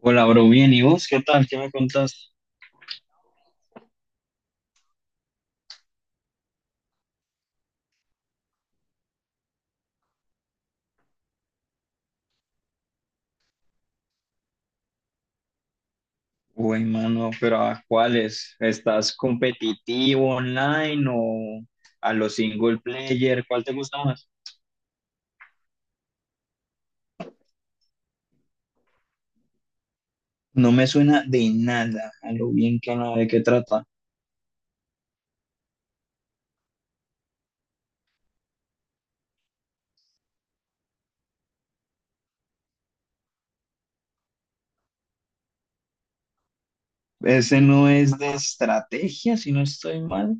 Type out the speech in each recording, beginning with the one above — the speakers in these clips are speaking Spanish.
Hola, bro, bien. ¿Y vos qué tal? ¿Qué me contás? Uy, mano, pero ¿a cuáles? ¿Estás competitivo online o a los single player? ¿Cuál te gusta más? No me suena de nada a lo bien que no de qué trata. Ese no es de estrategia, si no estoy mal.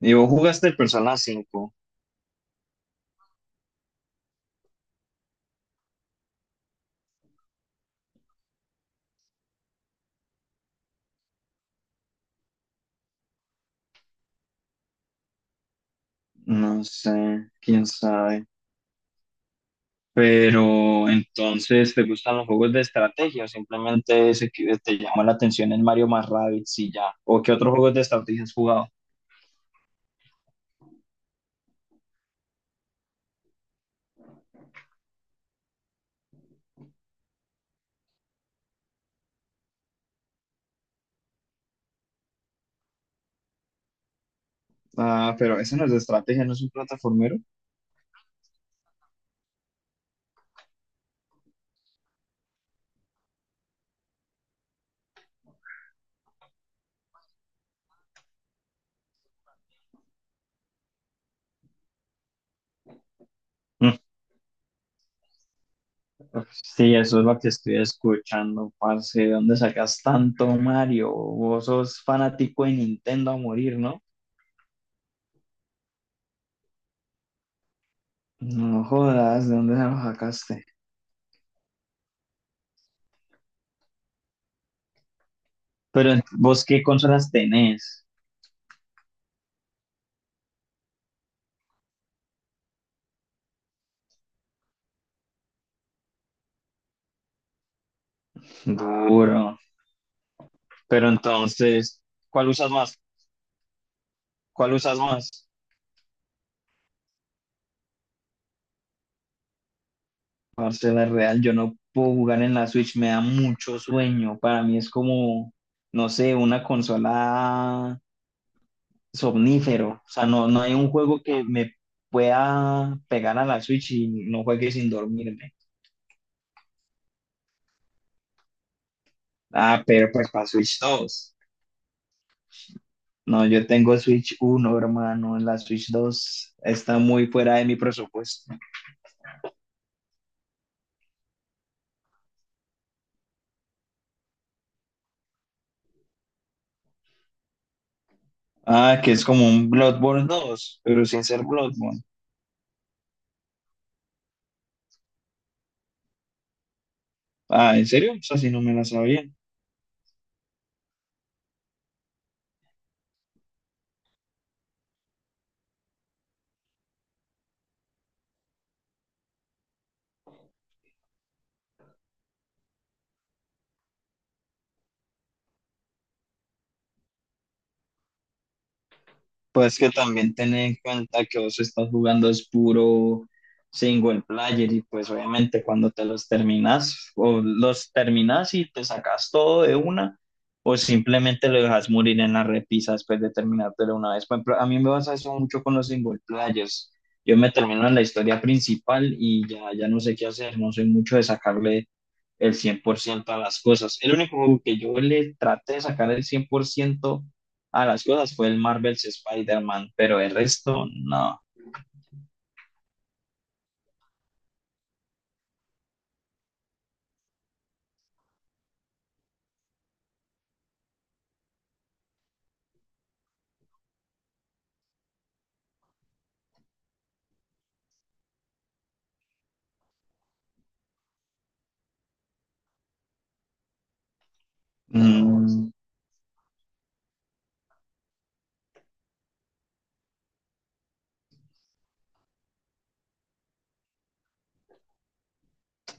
¿Y vos jugaste el Persona 5? No sé, quién sabe. Pero entonces, ¿te gustan los juegos de estrategia o simplemente ese que te llama la atención el Mario más Rabbids y ya? ¿O qué otros juegos de estrategia has jugado? Ah, pero eso no es de estrategia, no es un plataformero. Mm. Sí, eso es lo que estoy escuchando, parce. ¿De dónde sacas tanto Mario? Vos sos fanático de Nintendo a morir, ¿no? No jodas, ¿de dónde se lo sacaste? Pero vos, ¿qué consolas tenés? Duro. Pero entonces, ¿cuál usas más? ¿Cuál usas más? Parce, la real, yo no puedo jugar en la Switch, me da mucho sueño. Para mí es como, no sé, una consola somnífero. O sea, no, no hay un juego que me pueda pegar a la Switch y no juegue sin dormirme. Ah, pero pues para Switch 2. No, yo tengo Switch 1, hermano. La Switch 2 está muy fuera de mi presupuesto. Ah, que es como un Bloodborne 2 pero sin ser Bloodborne. Ah, ¿en serio? O sea, si no me la sabía. Pues que también ten en cuenta que vos estás jugando es puro single player y pues obviamente cuando te los terminas o los terminas y te sacas todo de una o simplemente lo dejas morir en la repisa después de terminártelo una vez. Por ejemplo, a mí me pasa eso mucho con los single players. Yo me termino en la historia principal y ya, ya no sé qué hacer, no soy mucho de sacarle el 100% a las cosas. El único juego que yo le traté de sacar el 100% a las cosas fue el Marvel's Spider-Man, pero el resto no. No,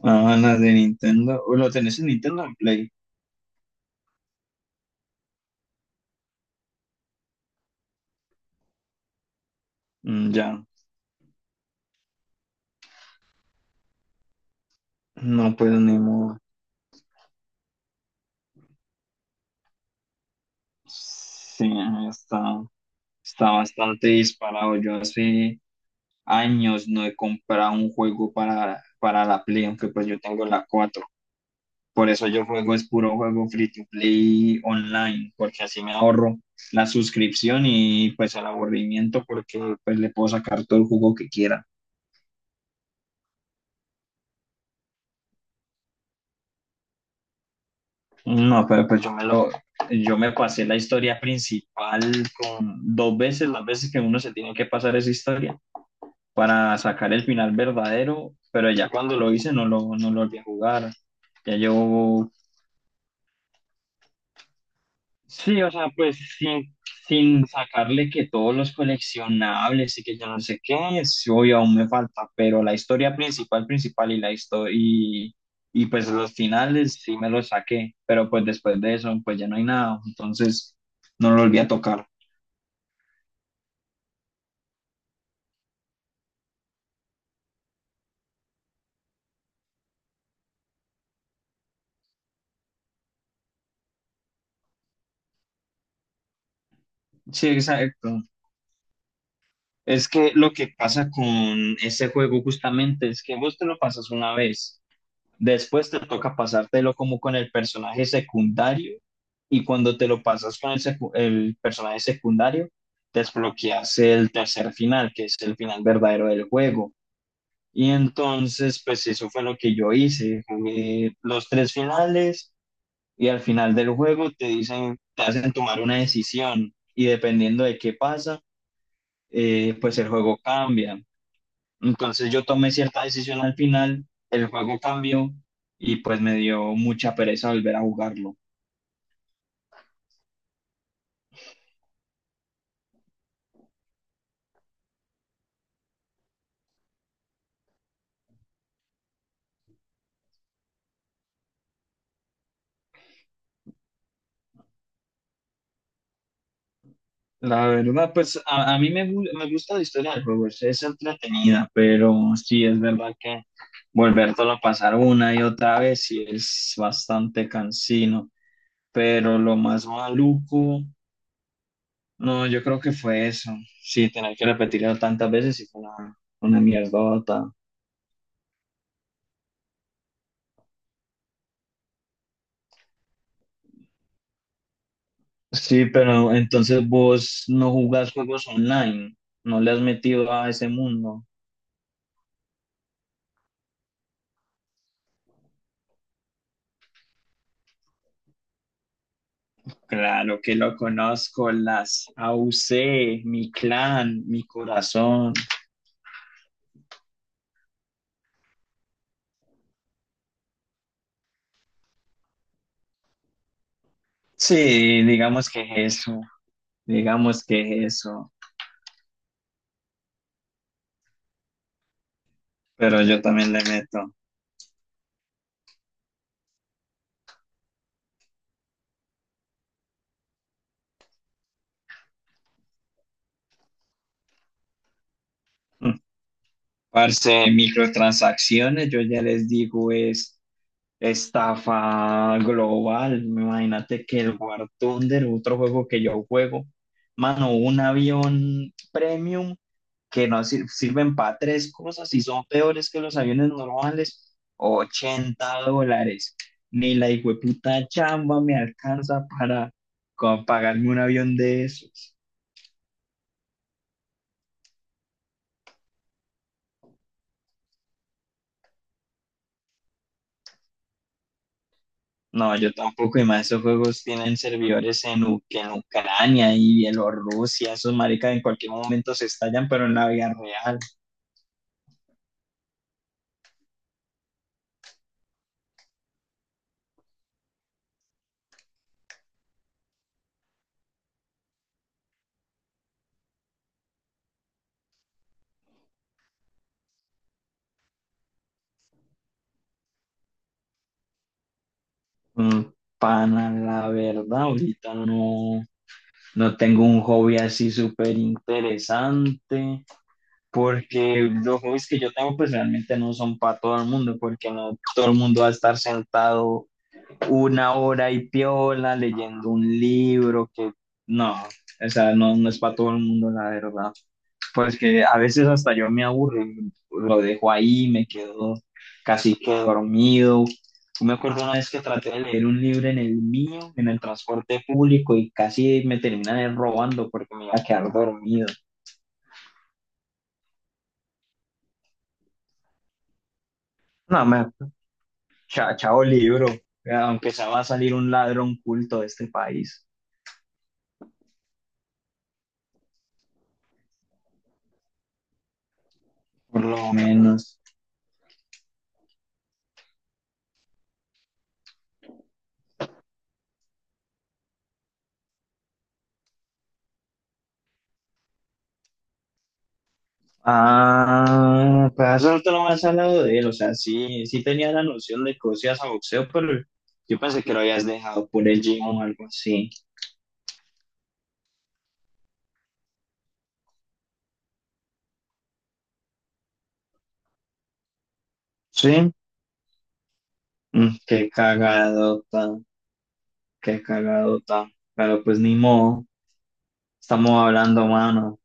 ah, las de Nintendo. Uy, ¿lo tenés en Nintendo o en Play? Mm, ya. No, pues ni modo. Sí, está, está bastante disparado. Yo hace años no he comprado un juego para la Play, aunque pues yo tengo la 4. Por eso yo juego, es puro juego free to play online, porque así me ahorro la suscripción y pues el aburrimiento, porque pues le puedo sacar todo el jugo que quiera. No, pero pues yo me pasé la historia principal con dos veces, las veces que uno se tiene que pasar esa historia para sacar el final verdadero, pero ya cuando lo hice no lo volví a jugar. Ya llevo. Sí, o sea, pues sin sacarle que todos los coleccionables y que yo no sé qué, sí, obvio, aún me falta, pero la historia principal, principal y la historia, y pues los finales sí me los saqué, pero pues después de eso, pues ya no hay nada, entonces no lo volví a tocar. Sí, exacto. Es que lo que pasa con ese juego justamente es que vos te lo pasas una vez. Después te toca pasártelo como con el personaje secundario y cuando te lo pasas con el personaje secundario, desbloqueas el tercer final, que es el final verdadero del juego. Y entonces, pues eso fue lo que yo hice. Jugué los tres finales y al final del juego te dicen, te hacen tomar una decisión y dependiendo de qué pasa, pues el juego cambia. Entonces yo tomé cierta decisión al final, el juego cambió y pues me dio mucha pereza volver a jugarlo. La verdad, pues a mí me gusta la historia del juego, es entretenida, pero sí es verdad que volvértelo a pasar una y otra vez sí es bastante cansino, pero lo más maluco, no, yo creo que fue eso, sí, tener que repetirlo tantas veces y fue una mierda. Sí, pero entonces vos no jugás juegos online, no le has metido a ese mundo. Claro que lo conozco, las AUC, mi clan, mi corazón. Sí, digamos que es eso, digamos que es eso, pero yo también le meto. Parce, microtransacciones, yo ya les digo, es estafa global. Imagínate que el War Thunder, otro juego que yo juego, mano, un avión premium que no sirven para tres cosas y son peores que los aviones normales, $80. Ni la puta chamba me alcanza para pagarme un avión de esos. No, yo tampoco, y más esos juegos tienen servidores en Ucrania y Bielorrusia, esos maricas en cualquier momento se estallan, pero en la vida real. Mm, Pana, la verdad, ahorita no, no tengo un hobby así súper interesante, porque los hobbies que yo tengo pues realmente no son para todo el mundo, porque no todo el mundo va a estar sentado 1 hora y piola leyendo un libro que no, o sea, no, no es para todo el mundo, la verdad. Pues que a veces hasta yo me aburro, lo dejo ahí, me quedo casi que dormido. Yo me acuerdo una vez que traté de leer un libro en el mío, en el transporte público, y casi me terminan robando porque me iba a quedar dormido. No, chao libro, aunque se va a salir un ladrón culto de este país, por lo menos. Ah, pues hace rato no me has hablado de él, o sea, sí, sí tenía la noción de que vos ibas a boxeo, pero yo pensé que lo habías dejado por el gym o algo así. Sí, Mm, qué cagadota, qué cagadota, pero pues ni modo, estamos hablando, mano.